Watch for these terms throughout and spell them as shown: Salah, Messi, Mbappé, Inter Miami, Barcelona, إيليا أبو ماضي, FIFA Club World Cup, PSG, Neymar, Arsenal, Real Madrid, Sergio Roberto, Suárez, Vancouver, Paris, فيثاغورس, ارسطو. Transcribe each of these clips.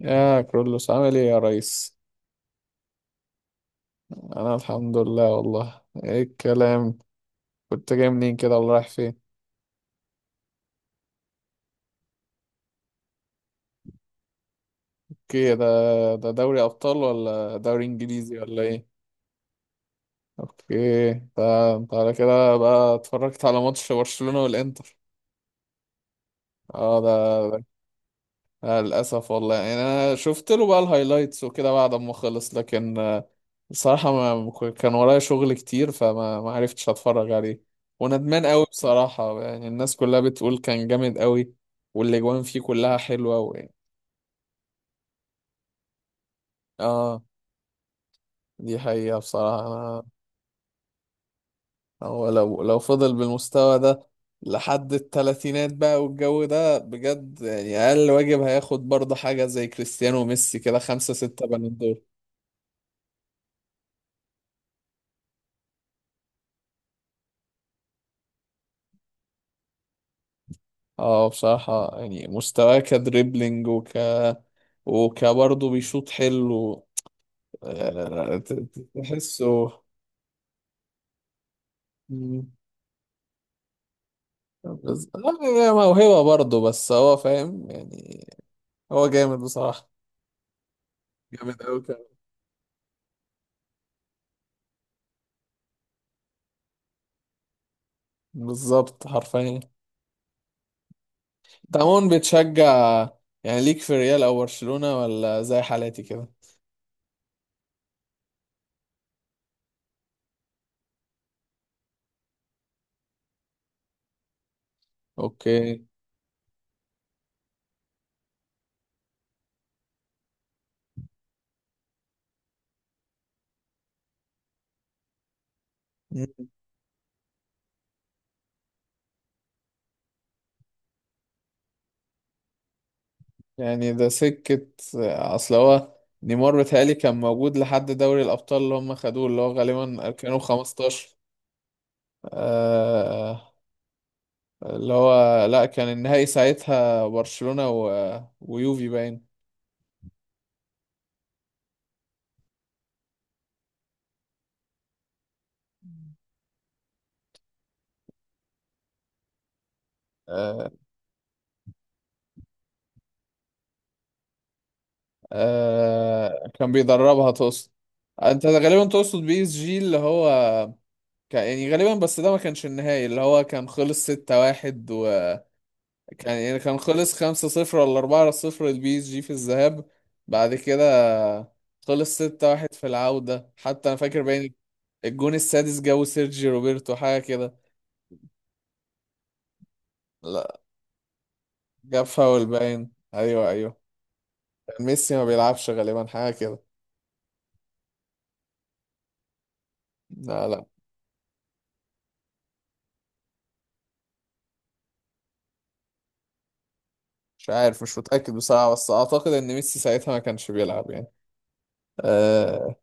يا كرولوس، عامل ايه يا ريس؟ انا الحمد لله. والله ايه الكلام؟ كنت جاي منين كده ولا رايح فين؟ اوكي. ده ده دوري ابطال ولا دوري انجليزي ولا ايه؟ اوكي، ده انت على كده بقى اتفرجت على ماتش برشلونة والانتر. اه ده. آه، للأسف والله، أنا شفت له بقى الهايلايتس وكده بعد ما خلص، لكن بصراحة ما ك- كان ورايا شغل كتير، فما ما عرفتش أتفرج عليه، وندمان قوي بصراحة. يعني الناس كلها بتقول كان جامد قوي، والأجوان فيه كلها حلوة آه، دي حقيقة بصراحة. أنا هو لو فضل بالمستوى ده لحد التلاتينات بقى والجو ده بجد، يعني أقل واجب هياخد برضه حاجة زي كريستيانو وميسي كده، خمسة ستة بالون دور. اه بصراحة، يعني مستواه كدريبلينج وكبرضه بيشوط حلو. آه، تحسه. مم. هي موهبة برضه، بس هو فاهم يعني. هو جامد بصراحة، جامد أوي كمان. بالظبط حرفيا. انت عموما بتشجع يعني، ليك في ريال أو برشلونة، ولا زي حالاتي كده؟ اوكي. يعني ده سكة. أصل هو نيمار بيتهيألي كان موجود لحد دوري الأبطال اللي هم خدوه، اللي هو غالبا 2015. آه، اللي هو لأ، كان النهائي ساعتها برشلونة ويوفي باين. آه. آه، كان بيدربها تقصد. أنت ده غالبا تقصد بي إس جي، اللي هو يعني غالبا، بس ده ما كانش النهائي اللي هو كان خلص 6-1. كان يعني كان خلص 5-0 ولا 4-0 للبي اس جي في الذهاب، بعد كده خلص 6-1 في العودة. حتى أنا فاكر باين الجون السادس جابه سيرجي روبرتو حاجة كده. لا، جاب فاول باين، أيوه أيوه. كان ميسي ما بيلعبش غالبا حاجة كده. لا، مش عارف، مش متأكد بصراحة، بس أعتقد إن ميسي ساعتها ما كانش بيلعب يعني. آه.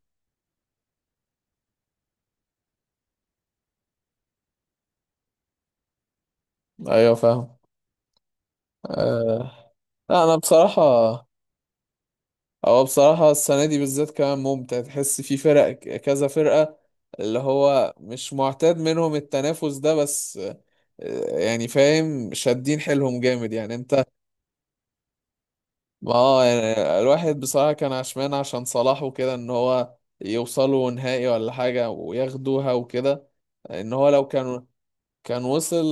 أيوه فاهم. آه. لا أنا بصراحة، هو بصراحة السنة دي بالذات كمان ممتع، تحس في فرق كذا فرقة اللي هو مش معتاد منهم التنافس ده. بس آه، يعني فاهم، شادين حيلهم جامد يعني انت. ما هو يعني الواحد بصراحة كان عشمان عشان صلاح وكده، ان هو يوصلوا نهائي ولا حاجة وياخدوها وكده، ان هو لو كانوا كان وصل.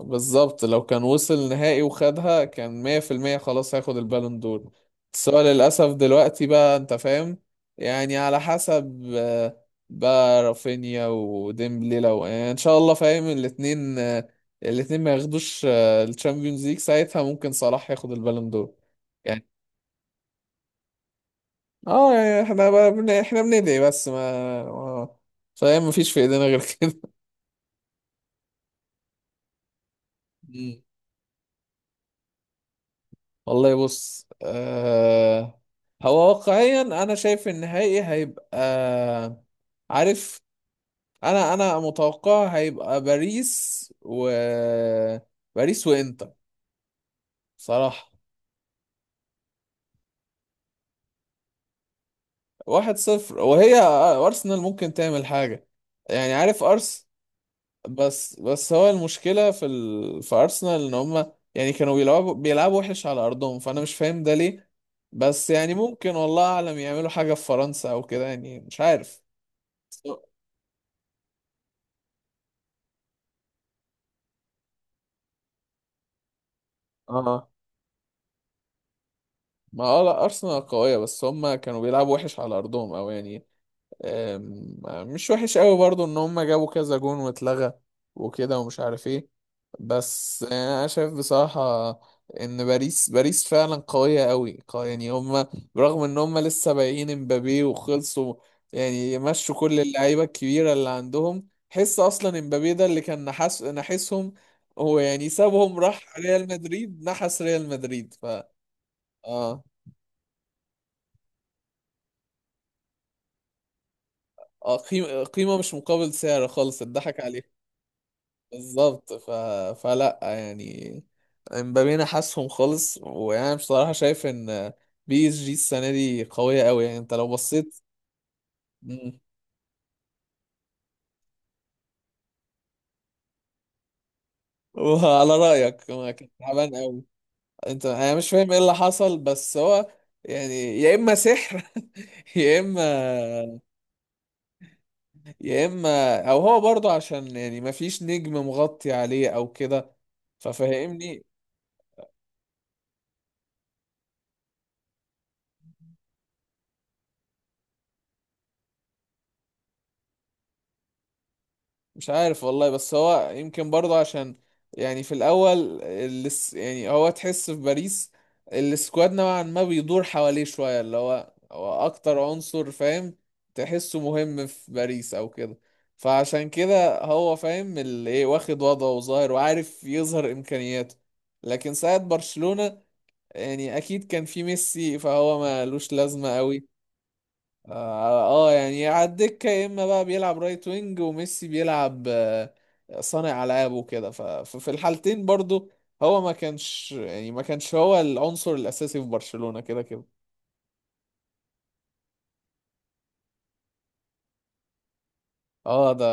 بالظبط، لو كان وصل نهائي وخدها كان مية في المية خلاص هياخد البالون دور. بس هو للأسف دلوقتي بقى أنت فاهم، يعني على حسب آه، بقى رافينيا وديمبلي لو يعني إن شاء الله فاهم الاتنين آه، الاتنين ما ياخدوش الشامبيونز ليج ساعتها ممكن صلاح ياخد البالون دور. يعني اه، يعني احنا بقى احنا بندعي، بس ما ما- فاهم، مفيش في ايدينا غير كده. والله بص آه، هو واقعيا انا شايف النهائي هيبقى، عارف، انا متوقع هيبقى باريس باريس وانتر صراحة. واحد صفر، وهي آه، ارسنال ممكن تعمل حاجة. يعني عارف، بس هو المشكلة في في ارسنال ان هما يعني كانوا بيلعبوا وحش على ارضهم، فانا مش فاهم ده ليه. بس يعني ممكن والله اعلم يعملوا حاجة في فرنسا او كده يعني، مش عارف. اه، ما اه لا، ارسنال قويه، بس هم كانوا بيلعبوا وحش على ارضهم او يعني آم، مش وحش قوي برضو ان هم جابوا كذا جون واتلغى وكده، ومش عارف ايه. بس انا شايف بصراحه ان باريس فعلا قويه قوي قوية يعني. هم برغم ان هم لسه بايعين امبابي وخلصوا، يعني مشوا كل اللعيبه الكبيره اللي عندهم، حس اصلا امبابي ده اللي كان نحسهم. هو يعني سابهم راح ريال مدريد، نحس ريال مدريد. ف اه، اه قيمة مش مقابل سعر خالص، اتضحك عليه. بالظبط. فلا يعني، امبابي انا حاسهم خالص. وانا بصراحة شايف ان بي اس جي السنة دي قوية قوي، يعني انت لو بصيت. مم. وعلى رأيك، ما كان تعبان قوي؟ انت انا مش فاهم ايه اللي حصل، بس هو يعني يا اما سحر يا اما، يا اما او هو برضه عشان يعني ما فيش نجم مغطي عليه او كده، ففهمني. مش عارف والله، بس هو يمكن برضه عشان يعني في الاول، يعني هو تحس في باريس السكواد نوعا ما بيدور حواليه شويه، اللي هو هو اكتر عنصر فاهم، تحسه مهم في باريس او كده، فعشان كده هو فاهم اللي ايه، واخد وضعه وظاهر وعارف يظهر امكانياته. لكن ساعة برشلونة، يعني اكيد كان في ميسي فهو مالوش لازمه قوي. اه. آه، يعني على الدكة، يا اما بقى بيلعب رايت وينج، وميسي بيلعب آه، صانع العاب وكده. ففي الحالتين برضو هو ما كانش هو العنصر الاساسي في برشلونة كده كده. اه ده.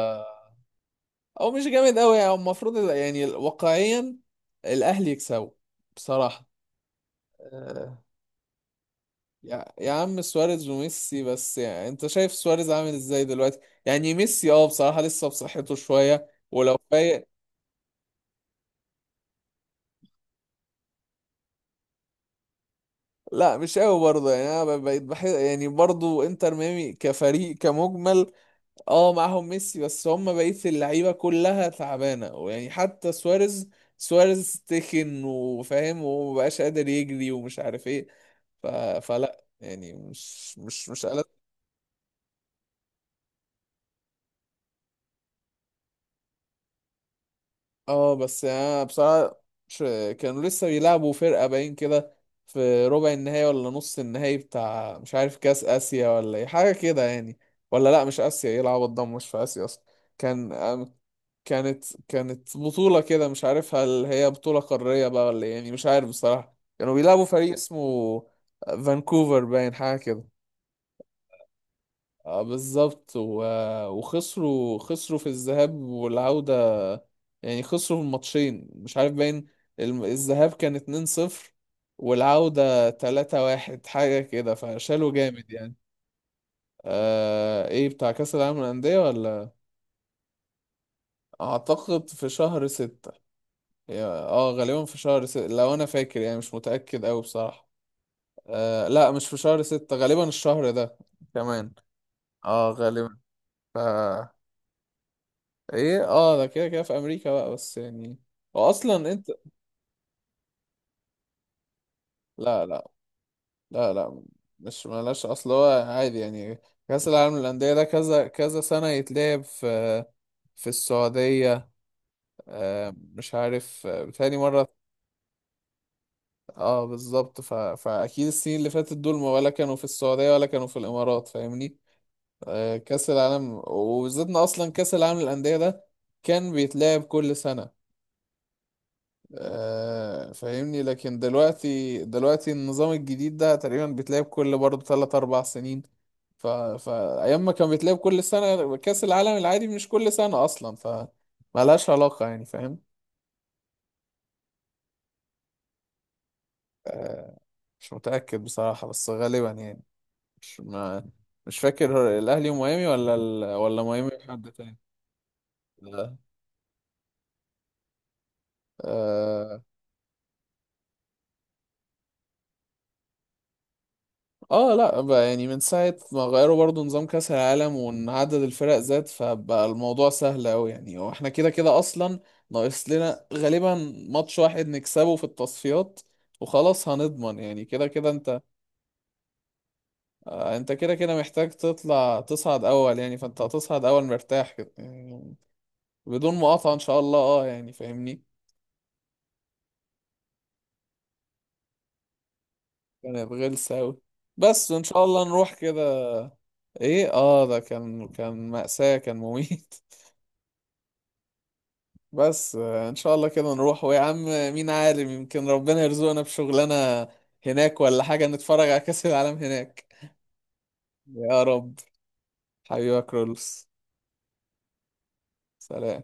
او مش جامد قوي يعني، المفروض يعني واقعيا الاهلي يكسبوا بصراحة. آه، يا يا عم، سواريز وميسي، بس يعني انت شايف سواريز عامل ازاي دلوقتي؟ يعني ميسي اه بصراحة لسه بصحته شوية ولو فايق. لا مش قوي برضه يعني، انا بقيت بحس يعني برضه انتر ميامي كفريق كمجمل. اه معاهم ميسي، بس هم بقيت اللعيبه كلها تعبانه، ويعني حتى سواريز، سواريز تخن وفاهم ومبقاش قادر يجري ومش عارف ايه. ف... فلا يعني، مش اه. بس يعني انا بصراحة مش، كانوا لسه بيلعبوا فرقة باين كده في ربع النهائي ولا نص النهائي بتاع مش عارف كاس اسيا ولا ايه حاجة كده يعني، ولا لا مش اسيا، ايه العبط ده، مش في اسيا اصلا. كان أم- كانت بطولة كده مش عارف هل هي بطولة قارية بقى ولا إيه، يعني مش عارف بصراحة. كانوا بيلعبوا فريق اسمه فانكوفر باين حاجة كده. اه بالظبط، وخسروا خسروا في الذهاب والعودة، يعني خسروا الماتشين مش عارف باين، الذهاب كان 2-0 والعودة 3-1 حاجة كده، فشالوا جامد يعني. آه، ايه بتاع كأس العالم للأندية ولا، أعتقد في شهر ستة. اه غالبا في شهر ستة لو أنا فاكر، يعني مش متأكد أوي بصراحة. آه لا مش في شهر ستة، غالبا الشهر ده كمان. اه غالبا. ف ايه، اه ده كده كده في أمريكا بقى، بس يعني هو أصلا أنت. لا لا. لا لا. مش ملاش، اصل هو عادي يعني. كأس العالم للأندية ده كذا كذا سنة يتلعب في في السعودية، آه، مش عارف، آه، بتهيألي مرة. اه بالظبط. فأكيد السنين اللي فاتت دول، ما ولا كانوا في السعودية ولا كانوا في الإمارات، فاهمني. آه، كأس العالم، وبالذات إن أصلا كأس العالم للأندية ده كان بيتلعب كل سنة. آه، فاهمني، لكن دلوقتي دلوقتي النظام الجديد ده تقريبا بيتلعب كل برضه تلات أربع سنين. فأيام ما كان بيتلعب كل سنة، كأس العالم العادي مش كل سنة أصلا، ف ملهاش علاقة يعني فاهم. آه، مش متأكد بصراحة، بس غالبا يعني، مش ما... مش فاكر هو الأهلي وميامي ولا ميامي. لا. آه. اه لا بقى، يعني من ساعة ما غيروا برضو نظام كأس العالم، وإن عدد الفرق زاد، فبقى الموضوع سهل أوي يعني، واحنا كده كده أصلا ناقص لنا غالبا ماتش واحد نكسبه في التصفيات وخلاص هنضمن، يعني كده كده انت. آه، انت كده كده محتاج تطلع تصعد اول يعني، فانت هتصعد اول مرتاح كده يعني، بدون مقاطعة ان شاء الله. اه يعني فاهمني. كانت غلسة اوي، بس وان شاء الله نروح كده. ايه اه ده، كان كان مأساة، كان مميت. بس آه، ان شاء الله كده نروح، ويا عم مين عالم يمكن ربنا يرزقنا بشغلانة هناك ولا حاجة نتفرج على كأس العالم هناك. يا رب. حبيبك رولس. سلام.